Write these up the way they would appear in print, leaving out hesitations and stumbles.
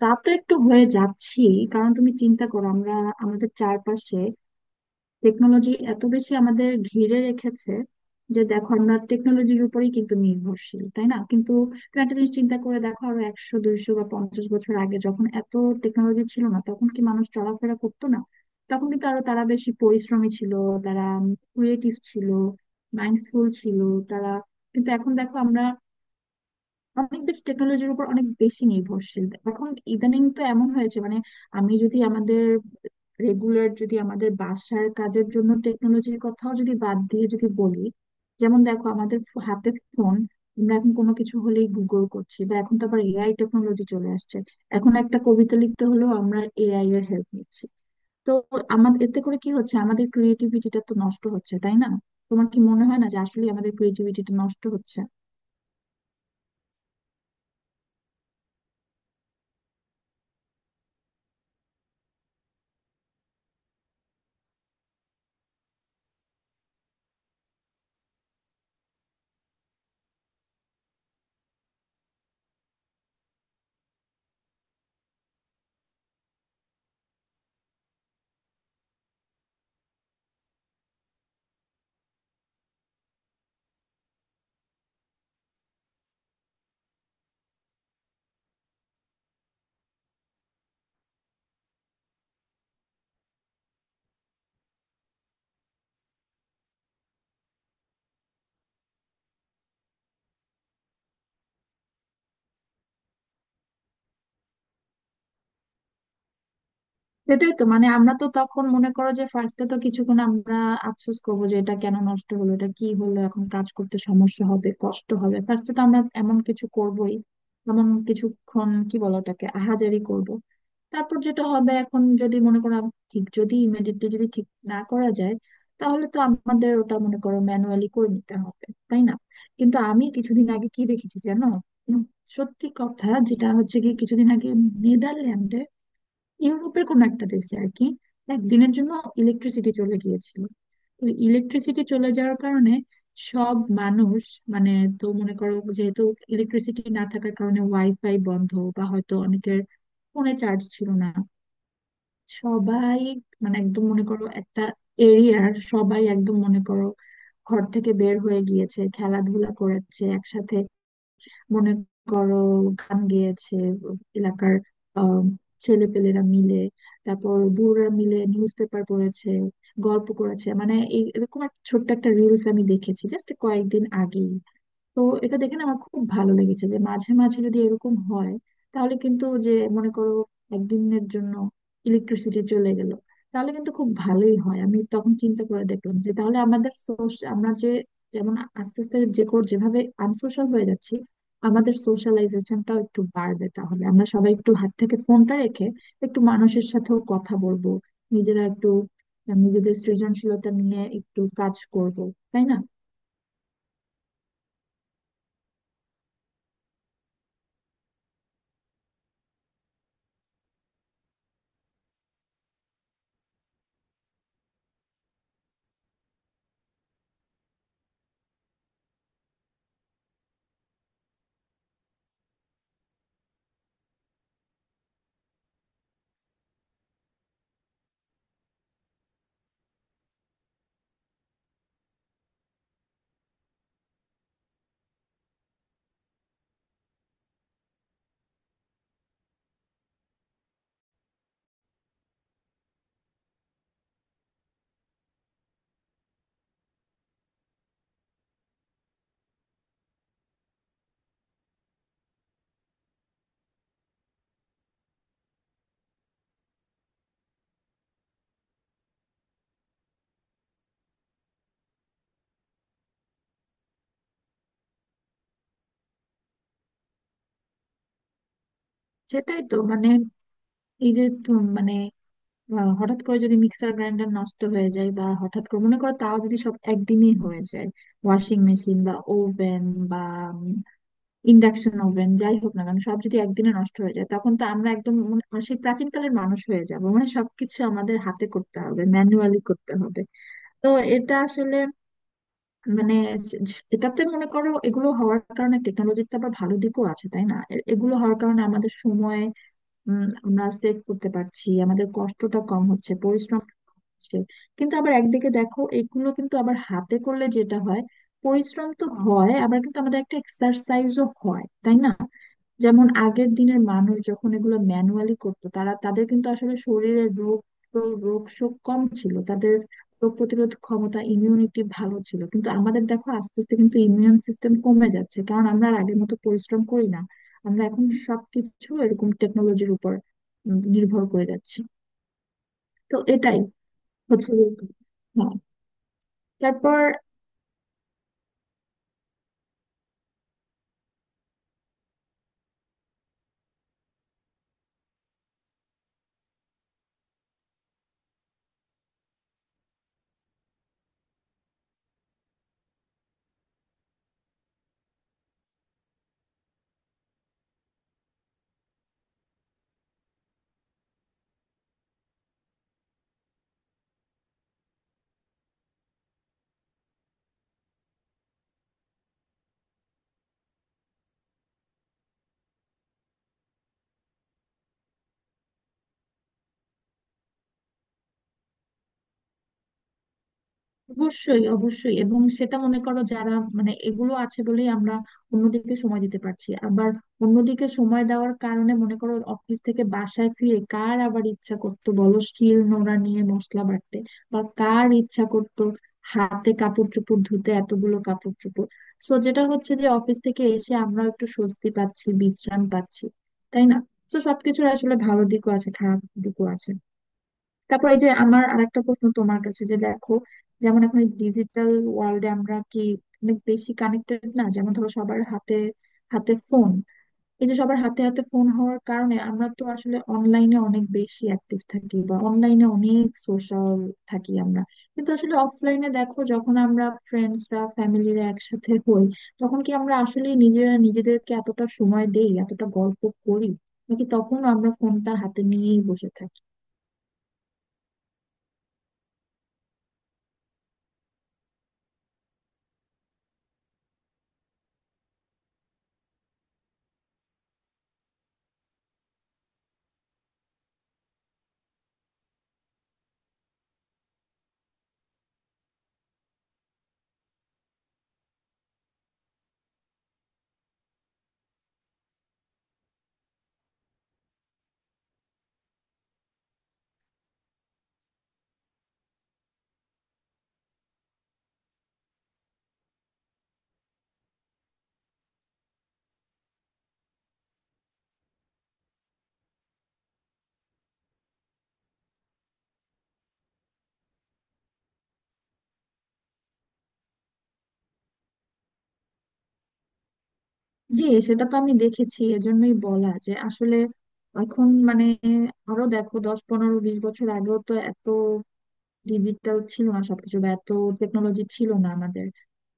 তা তো একটু হয়ে যাচ্ছি। কারণ তুমি চিন্তা করো, আমরা আমাদের চারপাশে টেকনোলজি এত বেশি আমাদের ঘিরে রেখেছে যে দেখো আমরা টেকনোলজির উপরেই কিন্তু নির্ভরশীল, তাই না? কিন্তু তুমি একটা জিনিস চিন্তা করে দেখো, আরো 100 200 বা 50 বছর আগে যখন এত টেকনোলজি ছিল না, তখন কি মানুষ চলাফেরা করতো না? তখন কিন্তু আরো তারা বেশি পরিশ্রমী ছিল। তারা ক্রিয়েটিভ ছিল, মাইন্ডফুল ছিল। তারা কিন্তু এখন দেখো আমরা অনেক বেশি টেকনোলজির উপর অনেক বেশি নির্ভরশীল। এখন ইদানিং তো এমন হয়েছে, মানে আমি যদি আমাদের রেগুলার যদি আমাদের বাসার কাজের জন্য টেকনোলজির কথাও যদি বাদ দিয়ে যদি বলি, যেমন দেখো আমাদের হাতে ফোন। আমরা এখন কোনো কিছু হলেই গুগল করছি, বা এখন তো আবার এআই টেকনোলজি চলে আসছে। এখন একটা কবিতা লিখতে হলেও আমরা এআই এর হেল্প নিচ্ছি। তো আমাদের এতে করে কি হচ্ছে, আমাদের ক্রিয়েটিভিটিটা তো নষ্ট হচ্ছে, তাই না? তোমার কি মনে হয় না যে আসলে আমাদের ক্রিয়েটিভিটিটা নষ্ট হচ্ছে? সেটাই তো, মানে আমরা তো তখন মনে করো যে ফার্স্টে তো কিছুক্ষণ আমরা আফসোস করবো যে এটা কেন নষ্ট হলো, এটা কি হলো, এখন কাজ করতে সমস্যা হবে, কষ্ট হবে। ফার্স্টে তো আমরা এমন কিছু করবোই, এমন কিছুক্ষণ কি বলো ওটাকে, আহাজারি করব। তারপর যেটা হবে, এখন যদি মনে করো ঠিক, যদি ইমিডিয়েটলি যদি ঠিক না করা যায়, তাহলে তো আমাদের ওটা মনে করো ম্যানুয়ালি করে নিতে হবে, তাই না? কিন্তু আমি কিছুদিন আগে কি দেখেছি জানো? উম, সত্যি কথা যেটা হচ্ছে কি, কিছুদিন আগে নেদারল্যান্ডে, ইউরোপের কোনো একটা দেশে আর কি, একদিনের জন্য ইলেকট্রিসিটি চলে গিয়েছিল। তো ইলেকট্রিসিটি চলে যাওয়ার কারণে সব মানুষ, মানে, তো মনে করো, যেহেতু ইলেকট্রিসিটি না থাকার কারণে ওয়াইফাই বন্ধ, বা হয়তো অনেকের ফোনে চার্জ ছিল না, সবাই মানে একদম মনে করো একটা এরিয়ার সবাই একদম মনে করো ঘর থেকে বের হয়ে গিয়েছে, খেলাধুলা করেছে একসাথে, মনে করো গান গেয়েছে এলাকার, আহ ছেলেপেলেরা মিলে, তারপর বুড়োরা মিলে নিউজ পেপার পড়েছে, গল্প করেছে, মানে এই এরকম একটা ছোট্ট একটা রিলস আমি দেখেছি জাস্ট কয়েকদিন আগে। তো এটা দেখে না আমার খুব ভালো লেগেছে যে মাঝে মাঝে যদি এরকম হয়, তাহলে কিন্তু, যে মনে করো একদিনের জন্য ইলেকট্রিসিটি চলে গেল, তাহলে কিন্তু খুব ভালোই হয়। আমি তখন চিন্তা করে দেখলাম যে তাহলে আমাদের সোশ্যাল, আমরা যে যেমন আস্তে আস্তে যে যেভাবে আনসোশ্যাল হয়ে যাচ্ছি, আমাদের সোশ্যালাইজেশনটাও একটু বাড়বে। তাহলে আমরা সবাই একটু হাত থেকে ফোনটা রেখে একটু মানুষের সাথেও কথা বলবো, নিজেরা একটু নিজেদের সৃজনশীলতা নিয়ে একটু কাজ করব, তাই না? সেটাই তো, মানে এই যে মানে, হঠাৎ করে যদি মিক্সার গ্রাইন্ডার নষ্ট হয়ে যায়, বা হঠাৎ করে মনে করো তাও যদি সব একদিনই হয়ে যায়, ওয়াশিং মেশিন বা ওভেন বা ইন্ডাকশন ওভেন, যাই হোক না কেন সব যদি একদিনে নষ্ট হয়ে যায়, তখন তো আমরা একদম মানে সেই প্রাচীনকালের মানুষ হয়ে যাব, মানে সবকিছু আমাদের হাতে করতে হবে, ম্যানুয়ালি করতে হবে। তো এটা আসলে মানে, এটাতে মনে করো এগুলো হওয়ার কারণে টেকনোলজির তো আবার ভালো দিকও আছে, তাই না? এগুলো হওয়ার কারণে আমাদের সময় আমরা সেভ করতে পারছি, আমাদের কষ্টটা কম হচ্ছে, পরিশ্রম হচ্ছে। কিন্তু আবার একদিকে দেখো এগুলো কিন্তু আবার হাতে করলে যেটা হয়, পরিশ্রম তো হয় আবার, কিন্তু আমাদের একটা এক্সারসাইজও হয়, তাই না? যেমন আগের দিনের মানুষ যখন এগুলো ম্যানুয়ালি করতো, তারা, তাদের কিন্তু আসলে শরীরের রোগ রোগ শোক কম ছিল। তাদের রোগ প্রতিরোধ ক্ষমতা, ইমিউনিটি ভালো ছিল। কিন্তু আমাদের দেখো আস্তে আস্তে কিন্তু ইমিউন সিস্টেম কমে যাচ্ছে, কারণ আমরা আর আগের মতো পরিশ্রম করি না। আমরা এখন সবকিছু এরকম টেকনোলজির উপর নির্ভর করে যাচ্ছি। তো এটাই হচ্ছে যে- হ্যাঁ। তারপর অবশ্যই অবশ্যই, এবং সেটা মনে করো, যারা মানে এগুলো আছে বলেই আমরা অন্যদিকে সময় দিতে পারছি। আবার অন্যদিকে সময় দেওয়ার কারণে মনে করো অফিস থেকে বাসায় ফিরে কার আবার ইচ্ছা করতো বলো শিল নোড়া নিয়ে মশলা বাটতে, বা কার ইচ্ছা করতো হাতে কাপড় চোপড় ধুতে এতগুলো কাপড় চোপড়। সো যেটা হচ্ছে যে অফিস থেকে এসে আমরা একটু স্বস্তি পাচ্ছি, বিশ্রাম পাচ্ছি, তাই না? তো সবকিছুর আসলে ভালো দিকও আছে, খারাপ দিকও আছে। তারপর এই যে আমার আরেকটা প্রশ্ন তোমার কাছে, যে দেখো, যেমন এখন ডিজিটাল ওয়ার্ল্ডে আমরা কি অনেক বেশি কানেক্টেড না? যেমন ধরো সবার হাতে হাতে ফোন। এই যে সবার হাতে হাতে ফোন হওয়ার কারণে আমরা তো আসলে অনলাইনে অনেক বেশি অ্যাক্টিভ থাকি, বা অনলাইনে অনেক সোশ্যাল থাকি আমরা। কিন্তু আসলে অফলাইনে দেখো, যখন আমরা ফ্রেন্ডসরা ফ্যামিলিরা একসাথে হই, তখন কি আমরা আসলে নিজেরা নিজেদেরকে এতটা সময় দেই, এতটা গল্প করি? নাকি তখন আমরা ফোনটা হাতে নিয়েই বসে থাকি? জি। সেটা তো আমি দেখেছি, এজন্যই বলা যে আসলে এখন মানে আরো দেখো 10 15 20 বছর আগেও তো এত ডিজিটাল ছিল না সবকিছু, বা এত টেকনোলজি ছিল না আমাদের।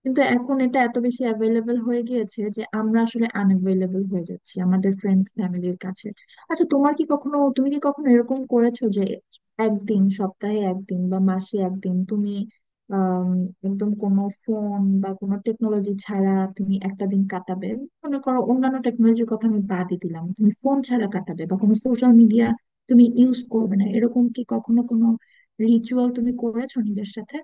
কিন্তু এখন এটা এত বেশি অ্যাভেলেবেল হয়ে গিয়েছে যে আমরা আসলে আনঅ্যাভেলেবেল হয়ে যাচ্ছি আমাদের ফ্রেন্ডস ফ্যামিলির কাছে। আচ্ছা তোমার কি কখনো, তুমি কি কখনো এরকম করেছো যে একদিন, সপ্তাহে একদিন বা মাসে একদিন, তুমি আম, একদম কোনো ফোন বা কোনো টেকনোলজি ছাড়া তুমি একটা দিন কাটাবে? মনে করো অন্যান্য টেকনোলজির কথা আমি বাদই দিলাম, তুমি ফোন ছাড়া কাটাবে বা কোনো সোশ্যাল মিডিয়া তুমি ইউজ করবে না, এরকম কি কখনো কোনো রিচুয়াল তুমি করেছো নিজের সাথে?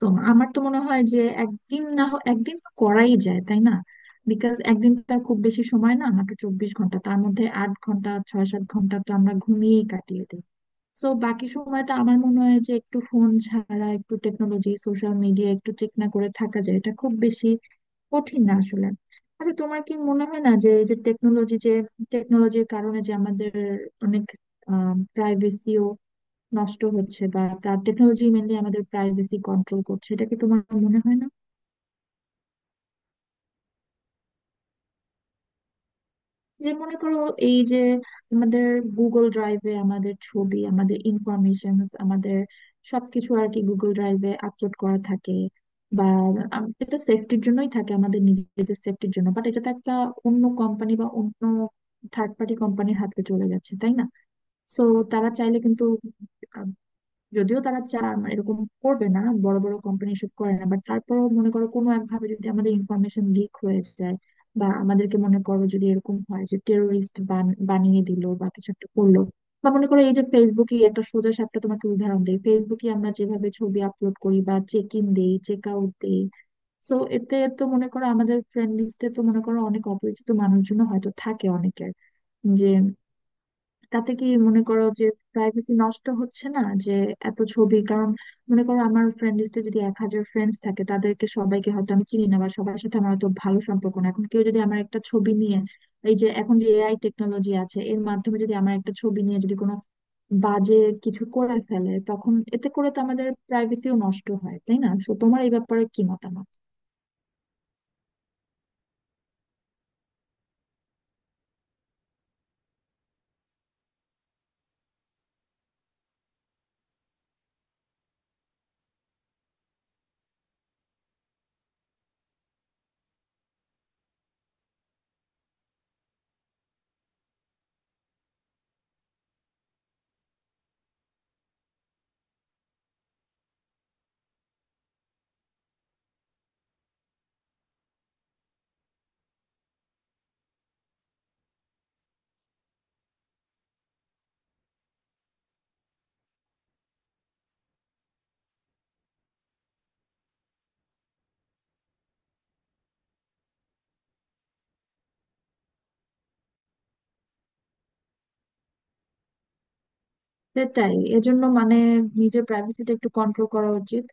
তো আমার তো মনে হয় যে একদিন না হয় একদিন তো করাই যায়, তাই না? বিকজ একদিন তো আর খুব বেশি সময় না, মাত্র 24 ঘন্টা, তার মধ্যে 8 ঘন্টা, 6 7 ঘন্টা তো আমরা ঘুমিয়েই কাটিয়ে দিই। তো বাকি সময়টা আমার মনে হয় যে একটু ফোন ছাড়া, একটু টেকনোলজি সোশ্যাল মিডিয়া একটু চেক না করে থাকা যায়, এটা খুব বেশি কঠিন না আসলে। আচ্ছা তোমার কি মনে হয় না যে এই যে টেকনোলজি, যে টেকনোলজির কারণে যে আমাদের অনেক প্রাইভেসিও নষ্ট হচ্ছে, বা তার টেকনোলজি মেনলি আমাদের প্রাইভেসি কন্ট্রোল করছে, এটা কি তোমার মনে হয় না? যে মনে করো, এই যে আমাদের গুগল ড্রাইভে আমাদের ছবি, আমাদের ইনফরমেশন, আমাদের সবকিছু আর কি গুগল ড্রাইভে আপলোড করা থাকে, বা এটা সেফটির জন্যই থাকে, আমাদের নিজেদের সেফটির জন্য, বাট এটা তো একটা অন্য কোম্পানি বা অন্য থার্ড পার্টি কোম্পানির হাতে চলে যাচ্ছে, তাই না? সো তারা চাইলে কিন্তু, যদিও তারা চায়, আমার এরকম করবে না, বড় বড় কোম্পানি এসব করে না, বাট তারপরেও মনে করো কোনো একভাবে যদি আমাদের ইনফরমেশন লিক হয়ে যায়, বা আমাদেরকে মনে করো যদি এরকম হয় যে টেরোরিস্ট বানিয়ে দিল বা কিছু একটা করলো, বা মনে করো এই যে ফেসবুকে একটা সোজা সাপটা তোমাকে উদাহরণ দেই, ফেসবুকে আমরা যেভাবে ছবি আপলোড করি বা চেক ইন দেই চেক আউট দেই, সো এতে তো মনে করো আমাদের ফ্রেন্ড লিস্টে তো মনে করো অনেক অপরিচিত মানুষজন হয়তো থাকে অনেকের, যে তাতে কি মনে করো যে প্রাইভেসি নষ্ট হচ্ছে না? যে এত ছবি, কারণ মনে করো আমার ফ্রেন্ড লিস্টে যদি 1,000 ফ্রেন্ডস থাকে, তাদেরকে সবাইকে হয়তো আমি চিনি না, বা সবার সাথে আমার হয়তো ভালো সম্পর্ক না, এখন কেউ যদি আমার একটা ছবি নিয়ে, এই যে এখন যে এআই টেকনোলজি আছে এর মাধ্যমে যদি আমার একটা ছবি নিয়ে যদি কোনো বাজে কিছু করে ফেলে, তখন এতে করে তো আমাদের প্রাইভেসিও নষ্ট হয়, তাই না? তো তোমার এই ব্যাপারে কি মতামত? সেটাই এজন্য মানে নিজের প্রাইভেসিটা একটু কন্ট্রোল করা উচিত,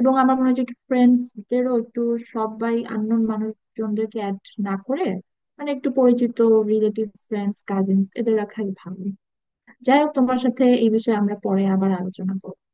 এবং আমার মনে হচ্ছে একটু ফ্রেন্ডসদেরও একটু, সবাই আননোন মানুষজনদেরকে অ্যাড না করে, মানে একটু পরিচিত রিলেটিভ ফ্রেন্ডস কাজিনস এদের রাখাই ভালো। যাই হোক, তোমার সাথে এই বিষয়ে আমরা পরে আবার আলোচনা করবো।